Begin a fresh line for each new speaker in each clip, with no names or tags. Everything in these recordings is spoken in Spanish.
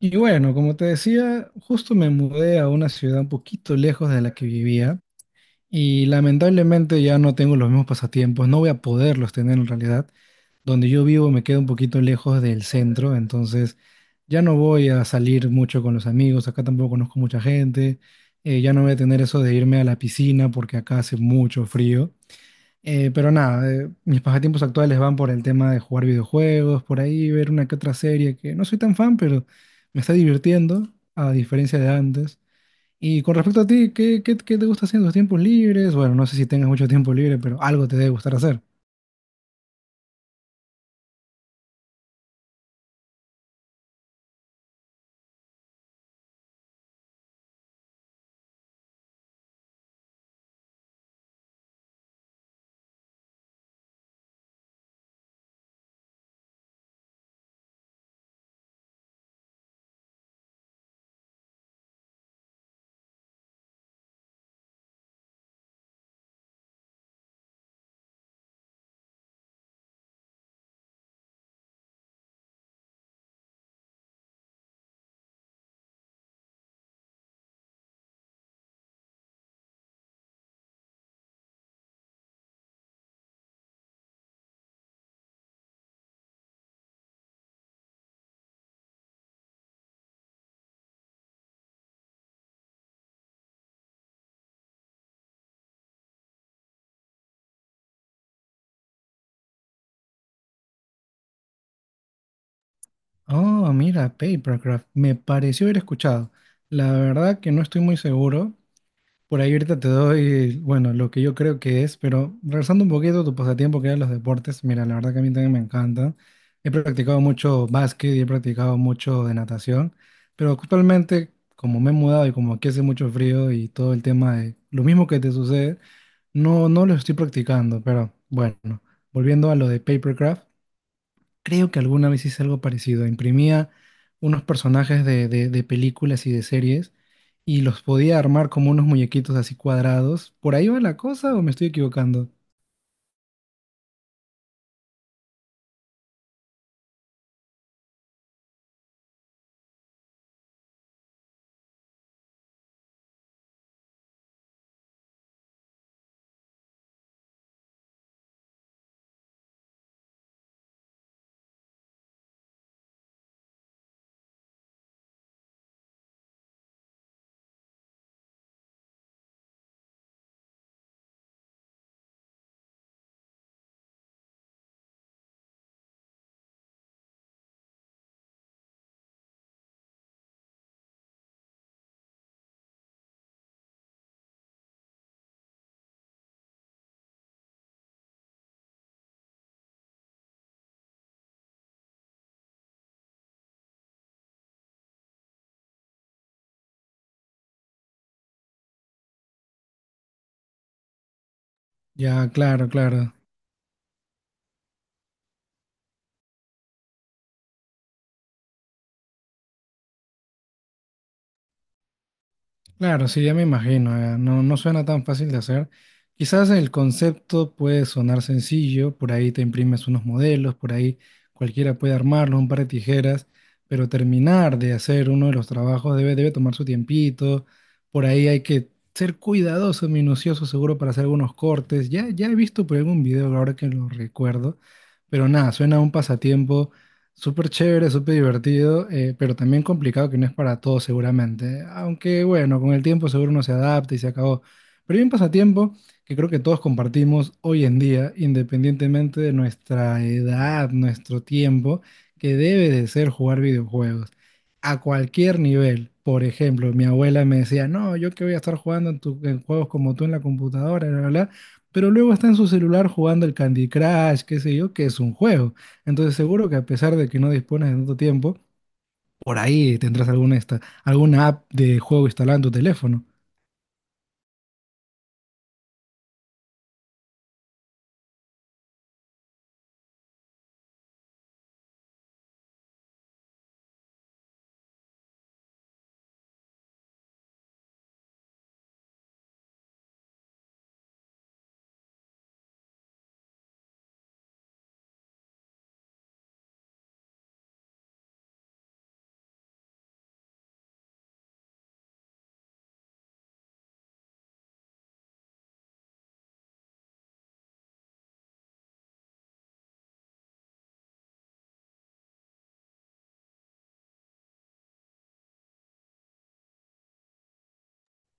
Y bueno, como te decía, justo me mudé a una ciudad un poquito lejos de la que vivía y lamentablemente ya no tengo los mismos pasatiempos, no voy a poderlos tener en realidad. Donde yo vivo me queda un poquito lejos del centro, entonces ya no voy a salir mucho con los amigos, acá tampoco conozco mucha gente, ya no voy a tener eso de irme a la piscina porque acá hace mucho frío. Pero nada, mis pasatiempos actuales van por el tema de jugar videojuegos, por ahí ver una que otra serie que no soy tan fan, pero me está divirtiendo, a diferencia de antes. Y con respecto a ti, ¿qué te gusta hacer en tus tiempos libres? Bueno, no sé si tengas mucho tiempo libre, pero algo te debe gustar hacer. Oh, mira, Papercraft, me pareció haber escuchado. La verdad que no estoy muy seguro. Por ahí ahorita te doy, bueno, lo que yo creo que es, pero regresando un poquito a tu pasatiempo que eran los deportes, mira, la verdad que a mí también me encanta. He practicado mucho básquet y he practicado mucho de natación, pero actualmente, como me he mudado y como aquí hace mucho frío y todo el tema de lo mismo que te sucede, no lo estoy practicando, pero bueno, volviendo a lo de Papercraft. Creo que alguna vez hice algo parecido. Imprimía unos personajes de películas y de series y los podía armar como unos muñequitos así cuadrados. ¿Por ahí va la cosa o me estoy equivocando? Ya, claro, claro. Claro, sí, ya me imagino, no, no suena tan fácil de hacer. Quizás el concepto puede sonar sencillo, por ahí te imprimes unos modelos, por ahí cualquiera puede armarlo, un par de tijeras, pero terminar de hacer uno de los trabajos debe tomar su tiempito, por ahí hay que ser cuidadoso, minucioso, seguro para hacer algunos cortes. Ya he visto por algún video ahora que lo recuerdo, pero nada, suena a un pasatiempo. Súper chévere, súper divertido, pero también complicado que no es para todos seguramente. Aunque bueno, con el tiempo seguro uno se adapta y se acabó. Pero hay un pasatiempo que creo que todos compartimos hoy en día, independientemente de nuestra edad, nuestro tiempo, que debe de ser jugar videojuegos. A cualquier nivel. Por ejemplo, mi abuela me decía: "No, yo que voy a estar jugando en, en juegos como tú en la computadora, bla, bla, bla". Pero luego está en su celular jugando el Candy Crush, qué sé yo, que es un juego. Entonces seguro que a pesar de que no dispones de tanto tiempo, por ahí tendrás alguna, esta, alguna app de juego instalada en tu teléfono.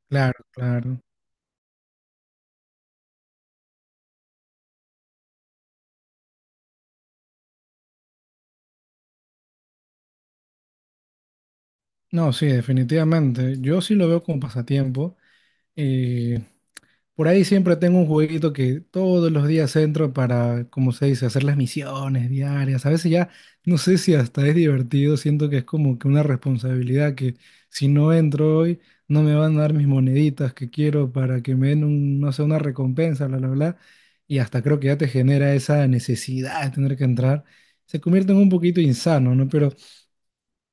Claro, claro. No, sí, definitivamente. Yo sí lo veo como pasatiempo. Eh, Por ahí siempre tengo un jueguito que todos los días entro para, como se dice, hacer las misiones diarias. A veces ya no sé si hasta es divertido, siento que es como que una responsabilidad que si no entro hoy no me van a dar mis moneditas que quiero para que me den un, no sé, una recompensa, bla, bla, bla. Y hasta creo que ya te genera esa necesidad de tener que entrar. Se convierte en un poquito insano, ¿no? Pero,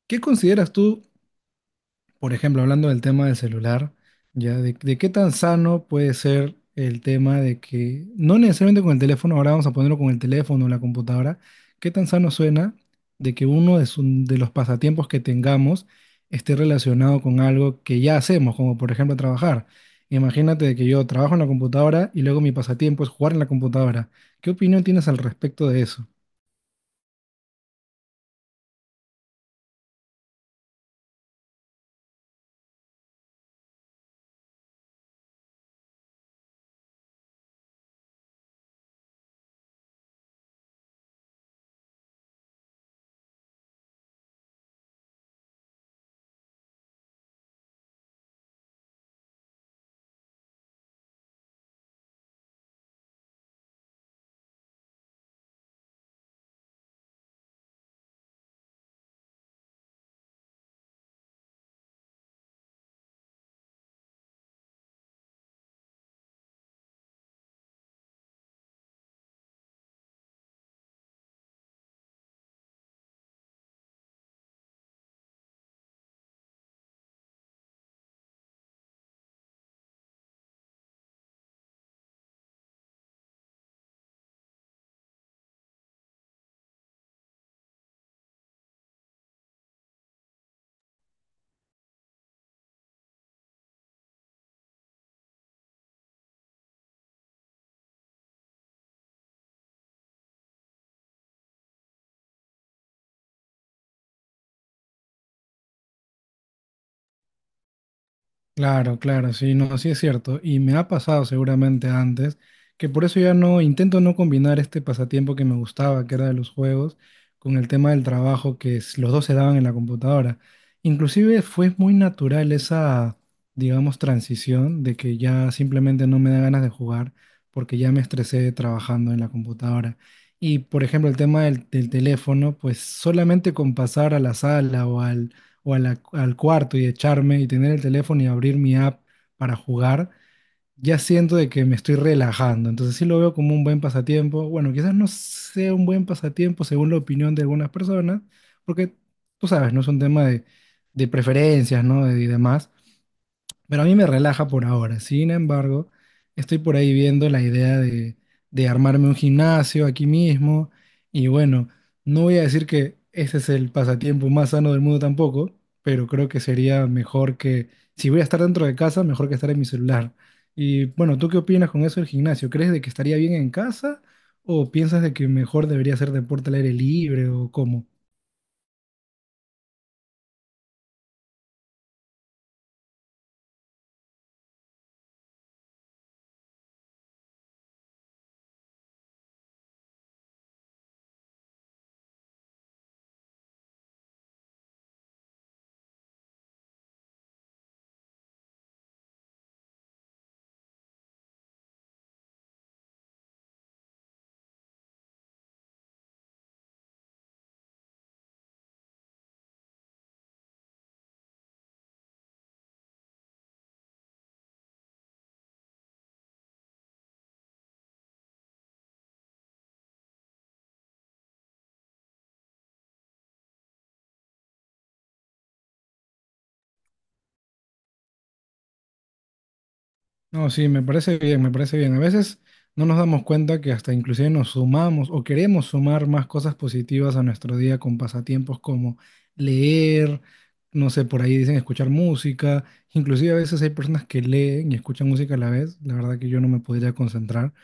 ¿qué consideras tú? Por ejemplo, hablando del tema del celular, ya de qué tan sano puede ser el tema de que, no necesariamente con el teléfono, ahora vamos a ponerlo con el teléfono o la computadora, qué tan sano suena de que uno de, de los pasatiempos que tengamos esté relacionado con algo que ya hacemos, como por ejemplo trabajar. Imagínate de que yo trabajo en la computadora y luego mi pasatiempo es jugar en la computadora. ¿Qué opinión tienes al respecto de eso? Claro, claro, sí, no, sí es cierto. Y me ha pasado seguramente antes, que por eso ya no intento no combinar este pasatiempo que me gustaba, que era de los juegos, con el tema del trabajo que los dos se daban en la computadora. Inclusive fue muy natural esa, digamos, transición de que ya simplemente no me da ganas de jugar porque ya me estresé trabajando en la computadora. Y por ejemplo, el tema del teléfono, pues solamente con pasar a la sala o a al cuarto y echarme y tener el teléfono y abrir mi app para jugar, ya siento de que me estoy relajando. Entonces sí lo veo como un buen pasatiempo. Bueno, quizás no sea un buen pasatiempo según la opinión de algunas personas, porque tú sabes, no es un tema de preferencias, ¿no? De- y demás. Pero a mí me relaja por ahora. Sin embargo, estoy por ahí viendo la idea de armarme un gimnasio aquí mismo. Y bueno, no voy a decir que ese es el pasatiempo más sano del mundo tampoco, pero creo que sería mejor que, si voy a estar dentro de casa, mejor que estar en mi celular. Y bueno, ¿tú qué opinas con eso del gimnasio? ¿Crees de que estaría bien en casa o piensas de que mejor debería hacer deporte al aire libre o cómo? No, sí, me parece bien, me parece bien. A veces no nos damos cuenta que hasta inclusive nos sumamos o queremos sumar más cosas positivas a nuestro día con pasatiempos como leer, no sé, por ahí dicen escuchar música. Inclusive a veces hay personas que leen y escuchan música a la vez. La verdad que yo no me podría concentrar,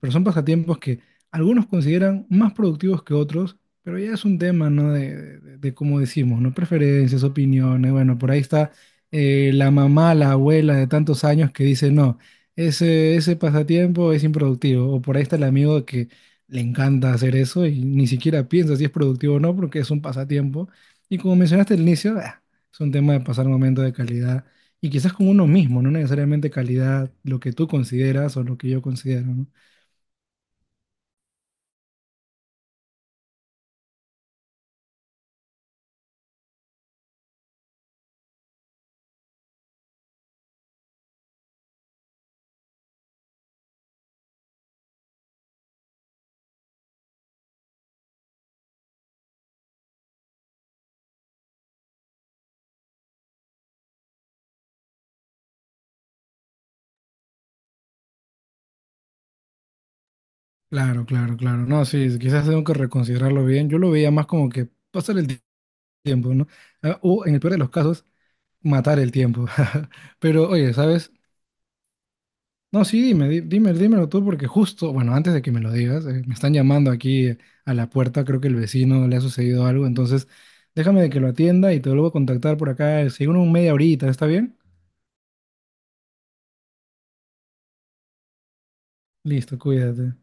pero son pasatiempos que algunos consideran más productivos que otros, pero ya es un tema, ¿no? De cómo decimos, ¿no? Preferencias, opiniones. Bueno, por ahí está la mamá, la abuela de tantos años que dice, no. Ese pasatiempo es improductivo. O por ahí está el amigo que le encanta hacer eso y ni siquiera piensa si es productivo o no, porque es un pasatiempo. Y como mencionaste al inicio, ah, es un tema de pasar momentos de calidad y quizás con uno mismo, no necesariamente calidad, lo que tú consideras o lo que yo considero, ¿no? Claro, claro, claro. No, sí, quizás tengo que reconsiderarlo bien. Yo lo veía más como que pasar el tiempo, ¿no? Ah, o en el peor de los casos, matar el tiempo. Pero oye, ¿sabes? No, sí, dime, dime, dímelo tú, porque justo, bueno, antes de que me lo digas, me están llamando aquí a la puerta, creo que el vecino le ha sucedido algo, entonces déjame de que lo atienda y te vuelvo a contactar por acá, según un media horita, ¿está bien? Listo, cuídate.